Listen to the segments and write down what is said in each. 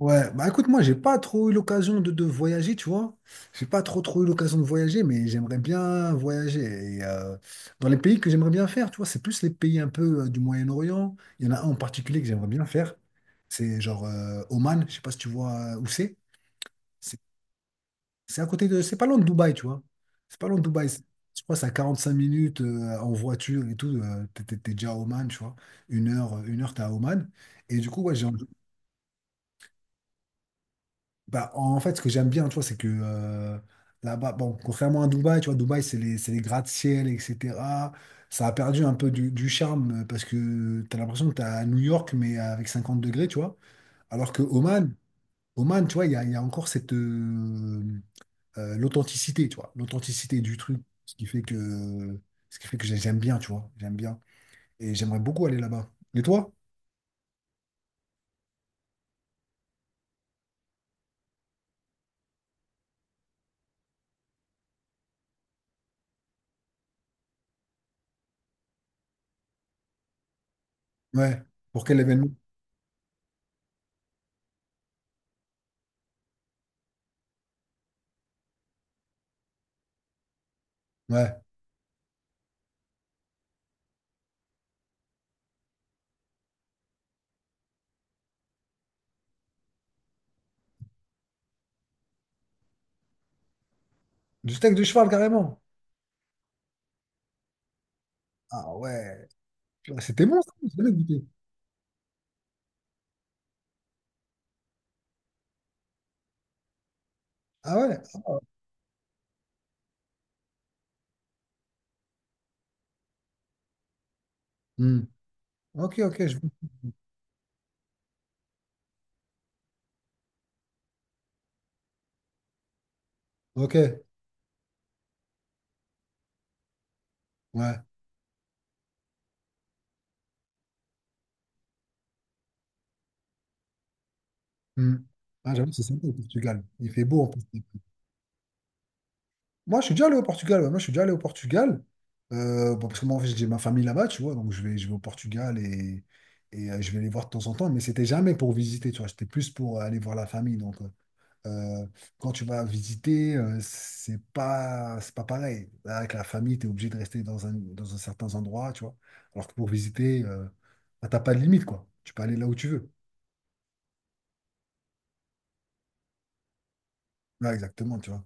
Ouais, bah écoute, moi, j'ai pas trop eu l'occasion de voyager, tu vois. J'ai pas trop trop eu l'occasion de voyager, mais j'aimerais bien voyager. Et dans les pays que j'aimerais bien faire, tu vois, c'est plus les pays un peu du Moyen-Orient. Il y en a un en particulier que j'aimerais bien faire. C'est genre Oman, je sais pas si tu vois où c'est. C'est c'est à côté de. C'est pas loin de Dubaï, tu vois. C'est pas loin de Dubaï. C'est- Je crois que c'est à 45 minutes en voiture et tout. T'es déjà à Oman, tu vois. Une heure, 1 heure, t'es à Oman. Et du coup, ouais, j'ai Mhm. Bah, en fait, ce que j'aime bien, tu vois, c'est que là-bas, bon, contrairement à Dubaï, tu vois, Dubaï, c'est les gratte-ciel, etc. Ça a perdu un peu du charme parce que tu as l'impression que tu es à New York, mais avec 50 degrés, tu vois. Alors que Oman, Oman, tu vois, il y a encore cette, l'authenticité, tu vois, l'authenticité du truc, ce qui fait que, ce qui fait que j'aime bien, tu vois, j'aime bien. Et j'aimerais beaucoup aller là-bas. Et toi? Ouais. Pour quel événement? Ouais. Du steak de cheval, carrément. Ah ouais. Bah, c'était bon, ça, je savais goûter. Ah ouais? Ah. Hmm. Ok, ok, je... Ok, ouais. Hmm. Ah, j'avoue, c'est sympa le Portugal. Il fait beau en plus. Moi, je suis déjà allé au Portugal. Ouais. Moi, je suis déjà allé au Portugal. Bon, parce que moi, en fait, j'ai ma famille là-bas, tu vois. Donc, je vais au Portugal et, je vais les voir de temps en temps. Mais c'était jamais pour visiter, tu vois. C'était plus pour aller voir la famille. Euh, Quand tu vas visiter, c'est pas pareil. Là, avec la famille, tu es obligé de rester dans un certain endroit, tu vois. Alors que pour visiter, bah, t'as pas de limite, quoi. Tu peux aller là où tu veux. Là, exactement, tu vois.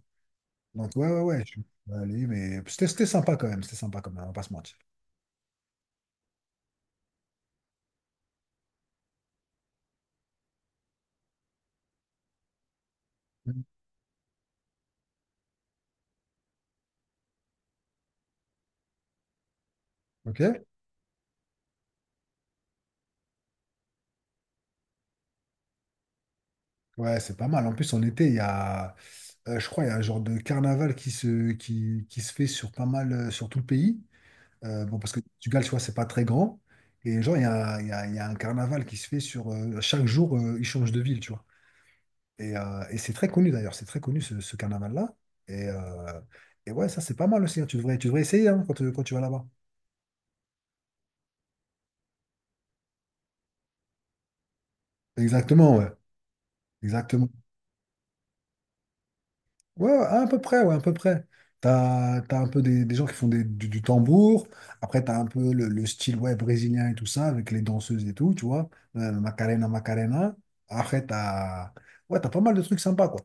Donc, ouais, je suis allé, mais c'était sympa quand même. C'était sympa quand même, on va pas se mentir. Mm. Ok? Ouais, c'est pas mal. En plus, en été, je crois, il y a un genre de carnaval qui se fait sur pas mal, sur tout le pays. Bon, parce que le Portugal, tu vois, c'est pas très grand. Et genre, il y a un carnaval qui se fait sur. Chaque jour, il change de ville, tu vois. Et c'est très connu d'ailleurs, c'est très connu ce carnaval-là. Et, euh, et ouais, ça, c'est pas mal aussi, hein. Tu devrais essayer hein, quand tu vas là-bas. Exactement, ouais. Exactement. Ouais, à peu près, ouais, à peu près. T'as un peu des gens qui font du tambour. Après, t'as un peu le style ouais, brésilien et tout ça, avec les danseuses et tout, tu vois. Macarena, Macarena. Après, t'as. Ouais, t'as pas mal de trucs sympas, quoi.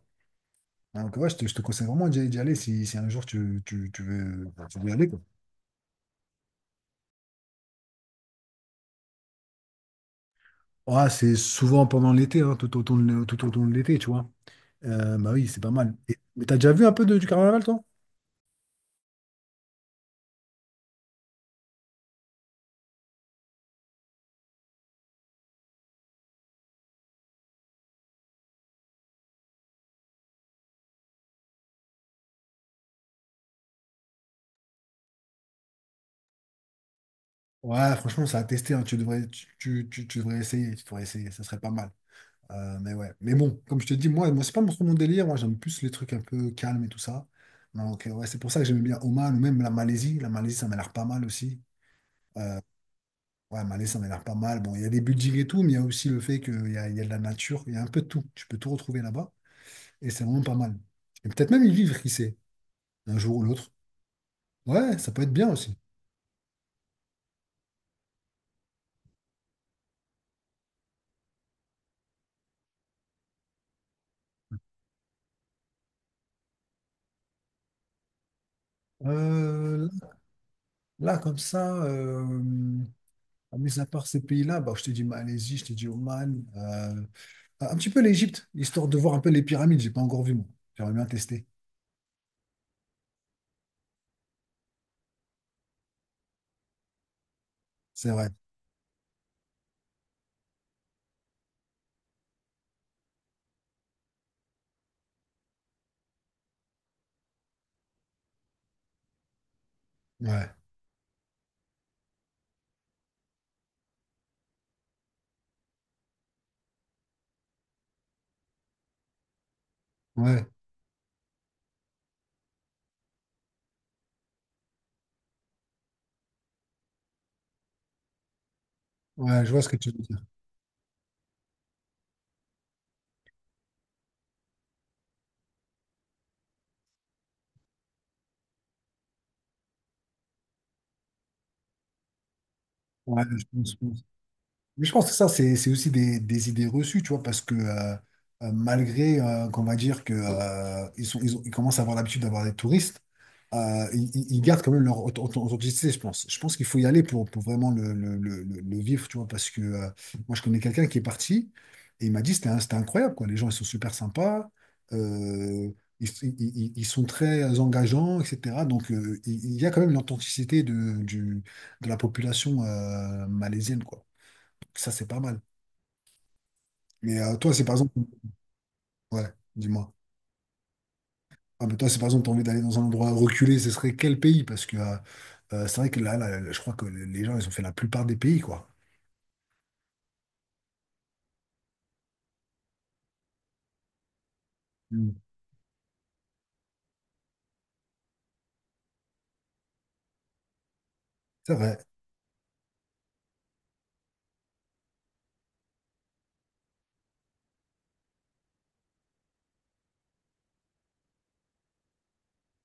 Donc, ouais, je te conseille vraiment d'y aller si, si un jour tu veux y aller, quoi. Ouais, c'est souvent pendant l'été, hein, tout autour de l'été, tu vois. Bah oui, c'est pas mal. Et- mais t'as déjà vu un peu du carnaval, toi? Ouais, franchement, ça a testé, hein. Tu devrais essayer. Tu devrais essayer. Ça serait pas mal. Mais ouais. Mais bon, comme je te dis, moi, moi c'est pas trop mon délire. Moi, j'aime plus les trucs un peu calmes et tout ça. Donc, ouais, c'est pour ça que j'aimais bien Oman ou même la Malaisie. La Malaisie, ça m'a l'air pas mal aussi. Ouais, Malaisie, ça m'a l'air pas mal. Bon, il y a des buildings et tout, mais il y a aussi le fait il y a de la nature. Il y a un peu de tout. Tu peux tout retrouver là-bas. Et c'est vraiment pas mal. Et peut-être même y vivre, qui sait, un jour ou l'autre. Ouais, ça peut être bien aussi. Euh, là, comme ça, mis à part ces pays-là, bah, je te dis Malaisie, je te dis Oman. Un petit peu l'Égypte, histoire de voir un peu les pyramides. J'ai pas encore vu, moi. J'aimerais bien tester. C'est vrai. Ouais. Ouais. Ouais, je vois ce que tu veux dire. Ouais, je pense. Mais je pense que ça, c'est aussi des idées reçues, tu vois, parce que malgré qu'on va dire que ils sont, ils commencent à avoir l'habitude d'avoir des touristes, ils gardent quand même leur authenticité, je pense. Je pense qu'il faut y aller pour vraiment le vivre, tu vois, parce que moi, je connais quelqu'un qui est parti et il m'a dit c'était un- c'était incroyable, quoi. Les gens, ils sont super sympas, euh, ils sont très engageants, etc. Donc, il y a quand même l'authenticité de la population malaisienne, quoi. Ça, c'est pas mal. Mais toi, c'est par exemple. Ouais, dis-moi. Ah, mais toi, c'est par exemple, t'as envie d'aller dans un endroit reculé, ce serait quel pays? Parce que c'est vrai que là, je crois que les gens, ils ont fait la plupart des pays, quoi. Mm. C'est vrai.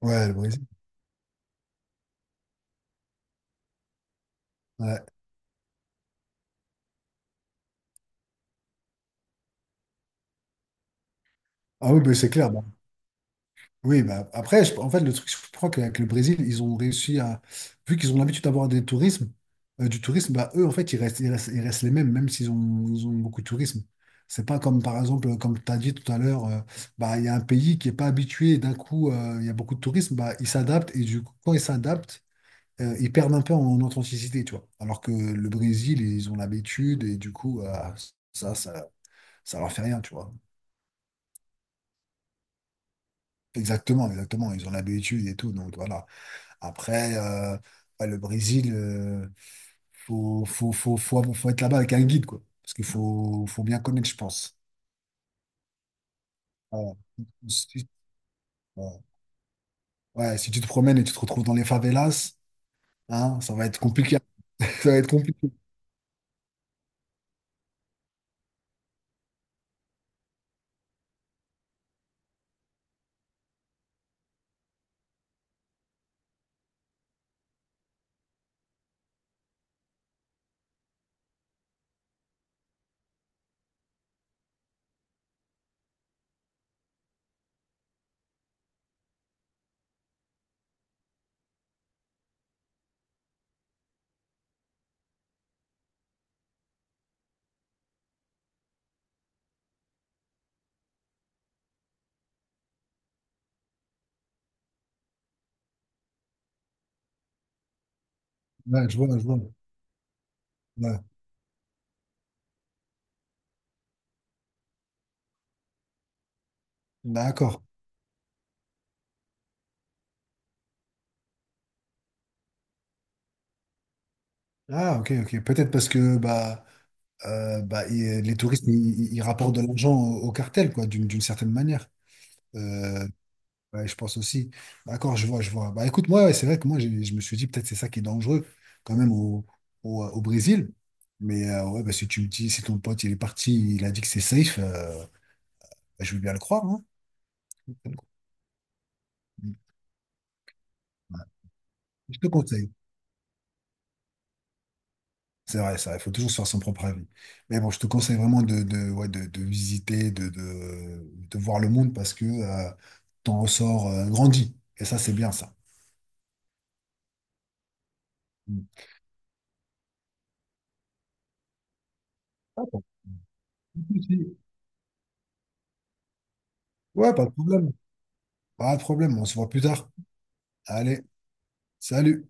Ouais, le Brésil. Ouais. Ah oui, mais c'est clair. Bon. Oui, bah après, je- en fait, le truc, je crois qu'avec le Brésil, ils ont réussi à, vu qu'ils ont l'habitude d'avoir des tourismes, du tourisme, bah eux, en fait, ils restent les mêmes, même ils ont beaucoup de tourisme. C'est pas comme, par exemple, comme tu as dit tout à l'heure, bah, il y a un pays qui est pas habitué, et d'un coup, il y a beaucoup de tourisme, bah, ils s'adaptent, et du coup, quand ils s'adaptent, ils perdent un peu en authenticité, tu vois. Alors que le Brésil, ils ont l'habitude, et du coup, ça, ça, ça leur fait rien, tu vois. Exactement, exactement, ils ont l'habitude et tout, donc voilà. Après, ouais, le Brésil, faut être là-bas avec un guide, quoi. Parce faut bien connaître, je pense. Voilà. Si tu- ouais. Ouais, si tu te promènes et tu te retrouves dans les favelas, hein, ça va être compliqué. Ça va être compliqué. Ouais, je vois, je vois. Ouais. D'accord. Ah, ok, ok. Peut-être parce que bah, les touristes, ils rapportent de l'argent au cartel, quoi, d'une certaine manière. Euh, Ouais, je pense aussi. Bah, d'accord, je vois, je vois. Bah écoute, moi, ouais, c'est vrai que moi, j'ai- je me suis dit peut-être c'est ça qui est dangereux quand même au Brésil. Mais ouais, bah, si tu me dis, si ton pote il est parti, il a dit que c'est safe, bah, je veux bien le croire, hein. Je te conseille. C'est vrai, ça, il faut toujours se faire son propre avis. Mais bon, je te conseille vraiment de visiter, de voir le monde parce que ton ressort grandit. Et ça, c'est bien ça. Mm. Ah, pas de souci. Ouais, pas de problème. Pas de problème, on se voit plus tard. Allez, salut.